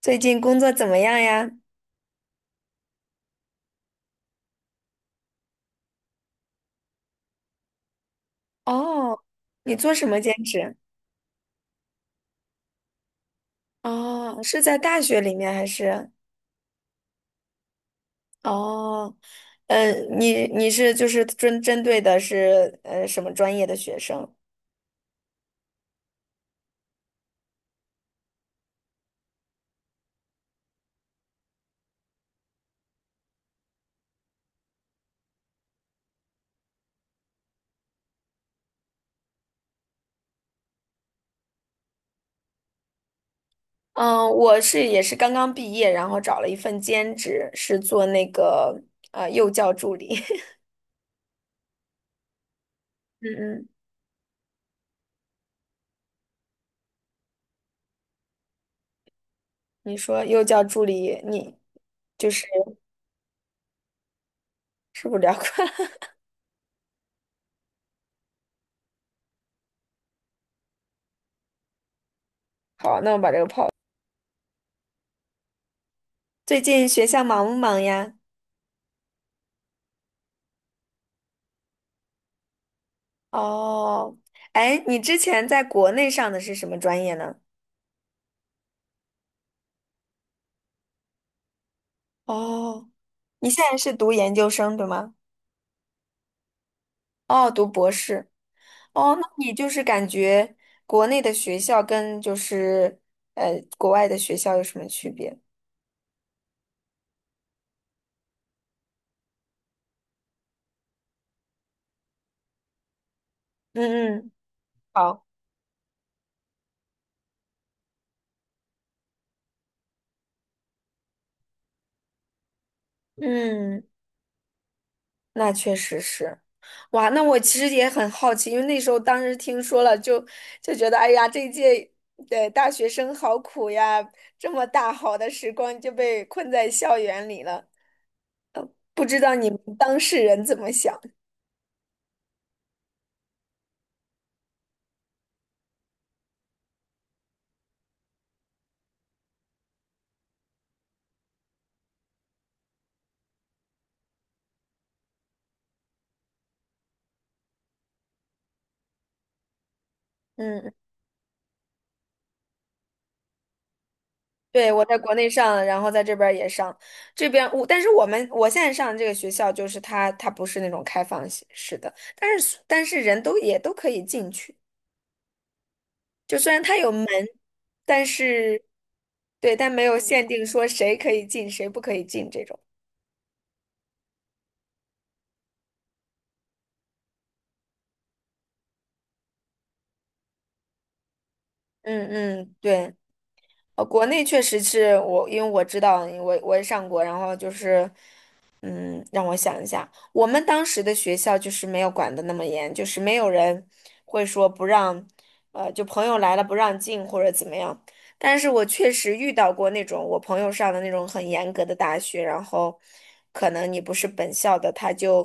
最近工作怎么样呀？哦，你做什么兼职？哦，是在大学里面还是？哦，嗯，你是就是针对的是什么专业的学生？嗯，我是也是刚刚毕业，然后找了一份兼职，是做那个幼教助理。嗯嗯，你说幼教助理，你就是是不是聊过？好，那我把这个抛。最近学校忙不忙呀？哦，哎，你之前在国内上的是什么专业呢？哦，你现在是读研究生，对吗？哦，读博士。哦，那你就是感觉国内的学校跟就是国外的学校有什么区别？嗯嗯，好，嗯，那确实是。哇，那我其实也很好奇，因为那时候当时听说了就，就觉得，哎呀，这一届的大学生好苦呀，这么大好的时光就被困在校园里了。不知道你们当事人怎么想？嗯，对，我在国内上，然后在这边儿也上，这边我，但是我现在上的这个学校，就是它它不是那种开放式的，但是人都也都可以进去，就虽然它有门，但是对，但没有限定说谁可以进，谁不可以进这种。嗯嗯，对，呃，国内确实是我，因为我知道我也上过，然后就是嗯，让我想一下，我们当时的学校就是没有管得那么严，就是没有人会说不让，呃，就朋友来了不让进或者怎么样。但是我确实遇到过那种我朋友上的那种很严格的大学，然后可能你不是本校的，他就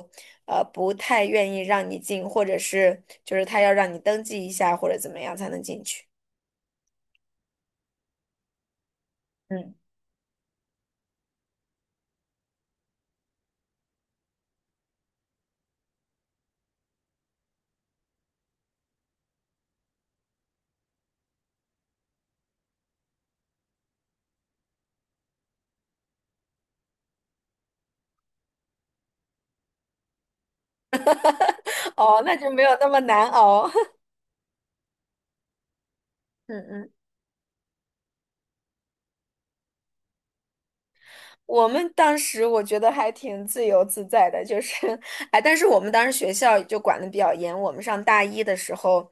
不太愿意让你进，或者是就是他要让你登记一下或者怎么样才能进去。嗯，哦，那就没有那么难熬。嗯嗯。我们当时我觉得还挺自由自在的，就是，哎，但是我们当时学校就管的比较严。我们上大一的时候，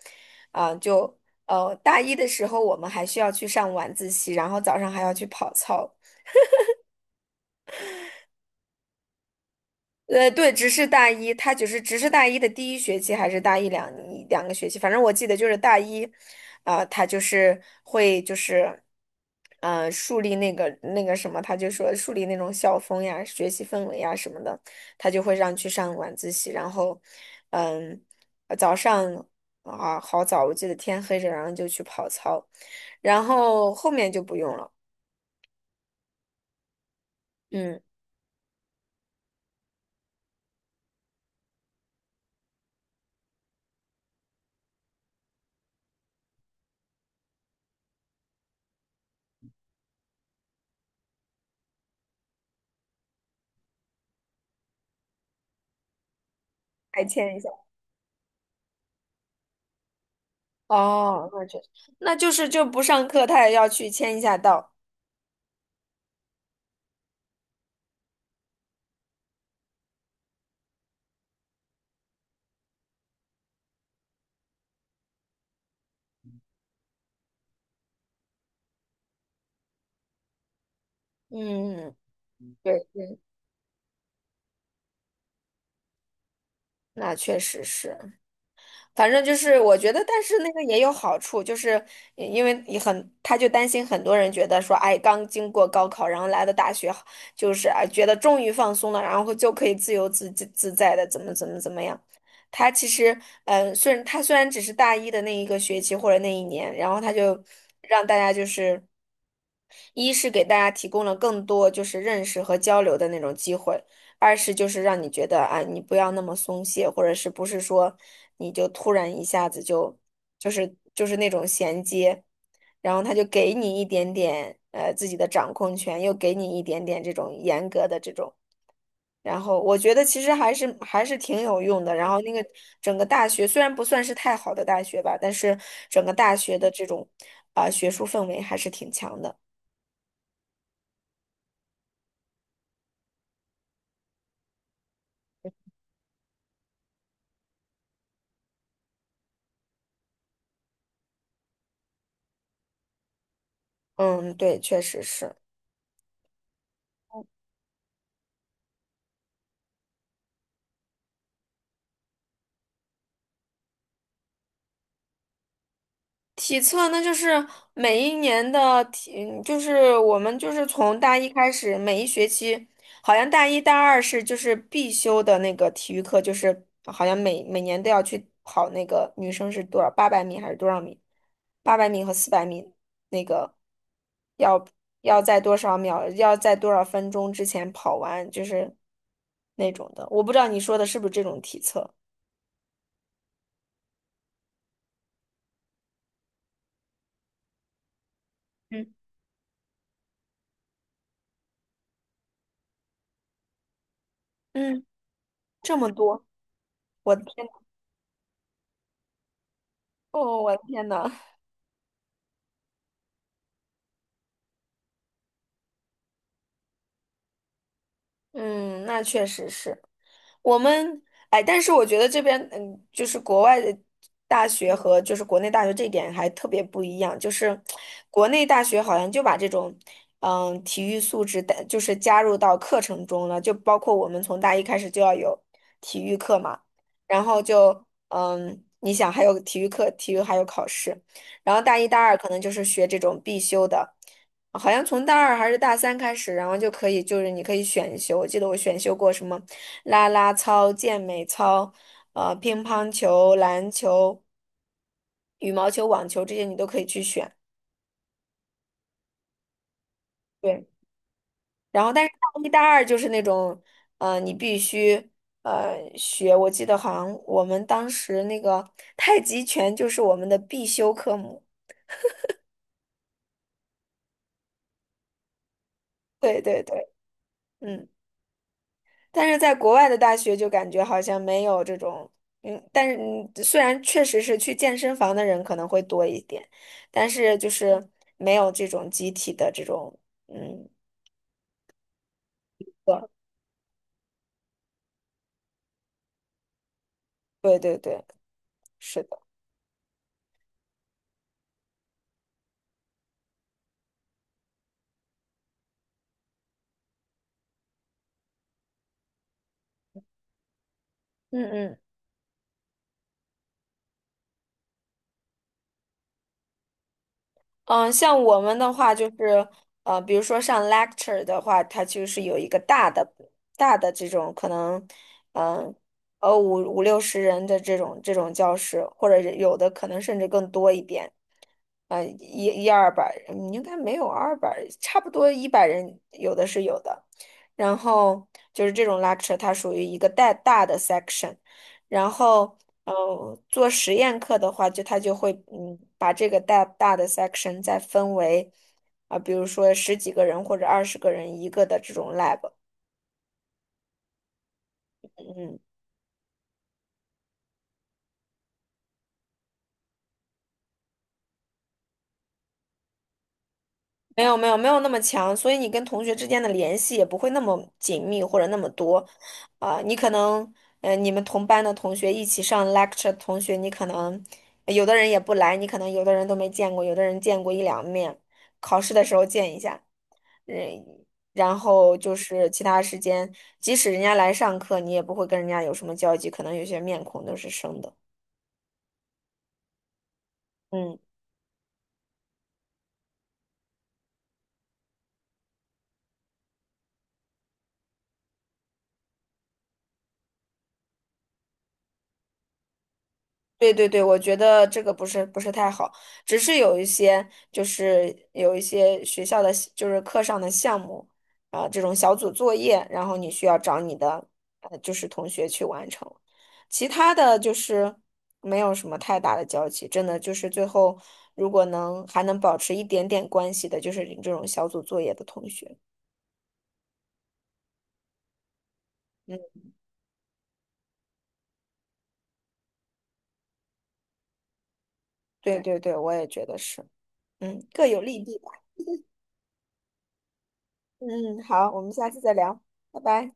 啊、就大一的时候我们还需要去上晚自习，然后早上还要去跑操。呃，对，只是大一，他只是大一的第一学期，还是大一两个学期，反正我记得就是大一，啊、他就是会就是，树立那个什么，他就说树立那种校风呀、学习氛围呀什么的，他就会让去上晚自习，然后，嗯，早上啊好早，我记得天黑着，然后就去跑操，然后后面就不用了，嗯，还欠一下。哦，那确实，那就是就不上课，他也要去签一下到。嗯，对，那确实是，反正就是我觉得，但是那个也有好处，就是因为也很，他就担心很多人觉得说，哎，刚经过高考，然后来到大学，就是哎，觉得终于放松了，然后就可以自由自在的怎么样。他其实，嗯，虽然他虽然只是大一的那一个学期或者那一年，然后他就让大家就是。一是给大家提供了更多就是认识和交流的那种机会，二是就是让你觉得啊，你不要那么松懈，或者是不是说你就突然一下子就就是就是那种衔接，然后他就给你一点点自己的掌控权，又给你一点点这种严格的这种，然后我觉得其实还是挺有用的。然后那个整个大学虽然不算是太好的大学吧，但是整个大学的这种啊、学术氛围还是挺强的。嗯，对，确实是体测那就是每一年的体，就是我们就是从大一开始，每一学期，好像大一大二是就是必修的那个体育课，就是好像每年都要去跑那个女生是多少八百米还是多少米，八百米和400米那个要要在多少秒，要在多少分钟之前跑完，就是那种的。我不知道你说的是不是这种体测。嗯，嗯，这么多，我的天。哦，我的天呐，嗯，那确实是。我们哎，但是我觉得这边就是国外的大学和就是国内大学这一点还特别不一样，就是国内大学好像就把这种体育素质带就是加入到课程中了，就包括我们从大一开始就要有体育课嘛，然后就你想还有体育课，体育还有考试，然后大一大二可能就是学这种必修的。好像从大二还是大三开始，然后就可以，就是你可以选修。我记得我选修过什么。啦啦操、健美操、乒乓球、篮球、羽毛球、网球这些你都可以去选。对，然后但是大一、大二就是那种，呃，你必须学。我记得好像我们当时那个太极拳就是我们的必修科目。对对对，嗯。但是在国外的大学就感觉好像没有这种，嗯，但是虽然确实是去健身房的人可能会多一点，但是就是没有这种集体的这种，嗯，对对对对，是的，嗯嗯。嗯，像我们的话，就是比如说上 lecture 的话，它就是有一个大的、大的这种可能，嗯，五六十人的这种教室，或者是有的可能甚至更多一点，一二百，嗯应该没有二百，差不多100人，有的是有的。然后就是这种 lecture，它属于一个带大的 section，然后。做实验课的话，就他就会把这个大大的 section 再分为啊、比如说十几个人或者20个人一个的这种 lab，嗯，没有那么强，所以你跟同学之间的联系也不会那么紧密或者那么多，啊、你可能你们同班的同学一起上 lecture 的同学，你可能有的人也不来，你可能有的人都没见过，有的人见过一两面，考试的时候见一下。嗯，然后就是其他时间，即使人家来上课，你也不会跟人家有什么交集，可能有些面孔都是生的。嗯。对对对，我觉得这个不是太好，只是有一些就是有一些学校的就是课上的项目啊，这种小组作业，然后你需要找你的就是同学去完成，其他的就是没有什么太大的交集，真的就是最后如果能还能保持一点点关系的，就是你这种小组作业的同学。嗯，对对对，我也觉得是，嗯，各有利弊吧。嗯，嗯好，我们下次再聊，拜拜。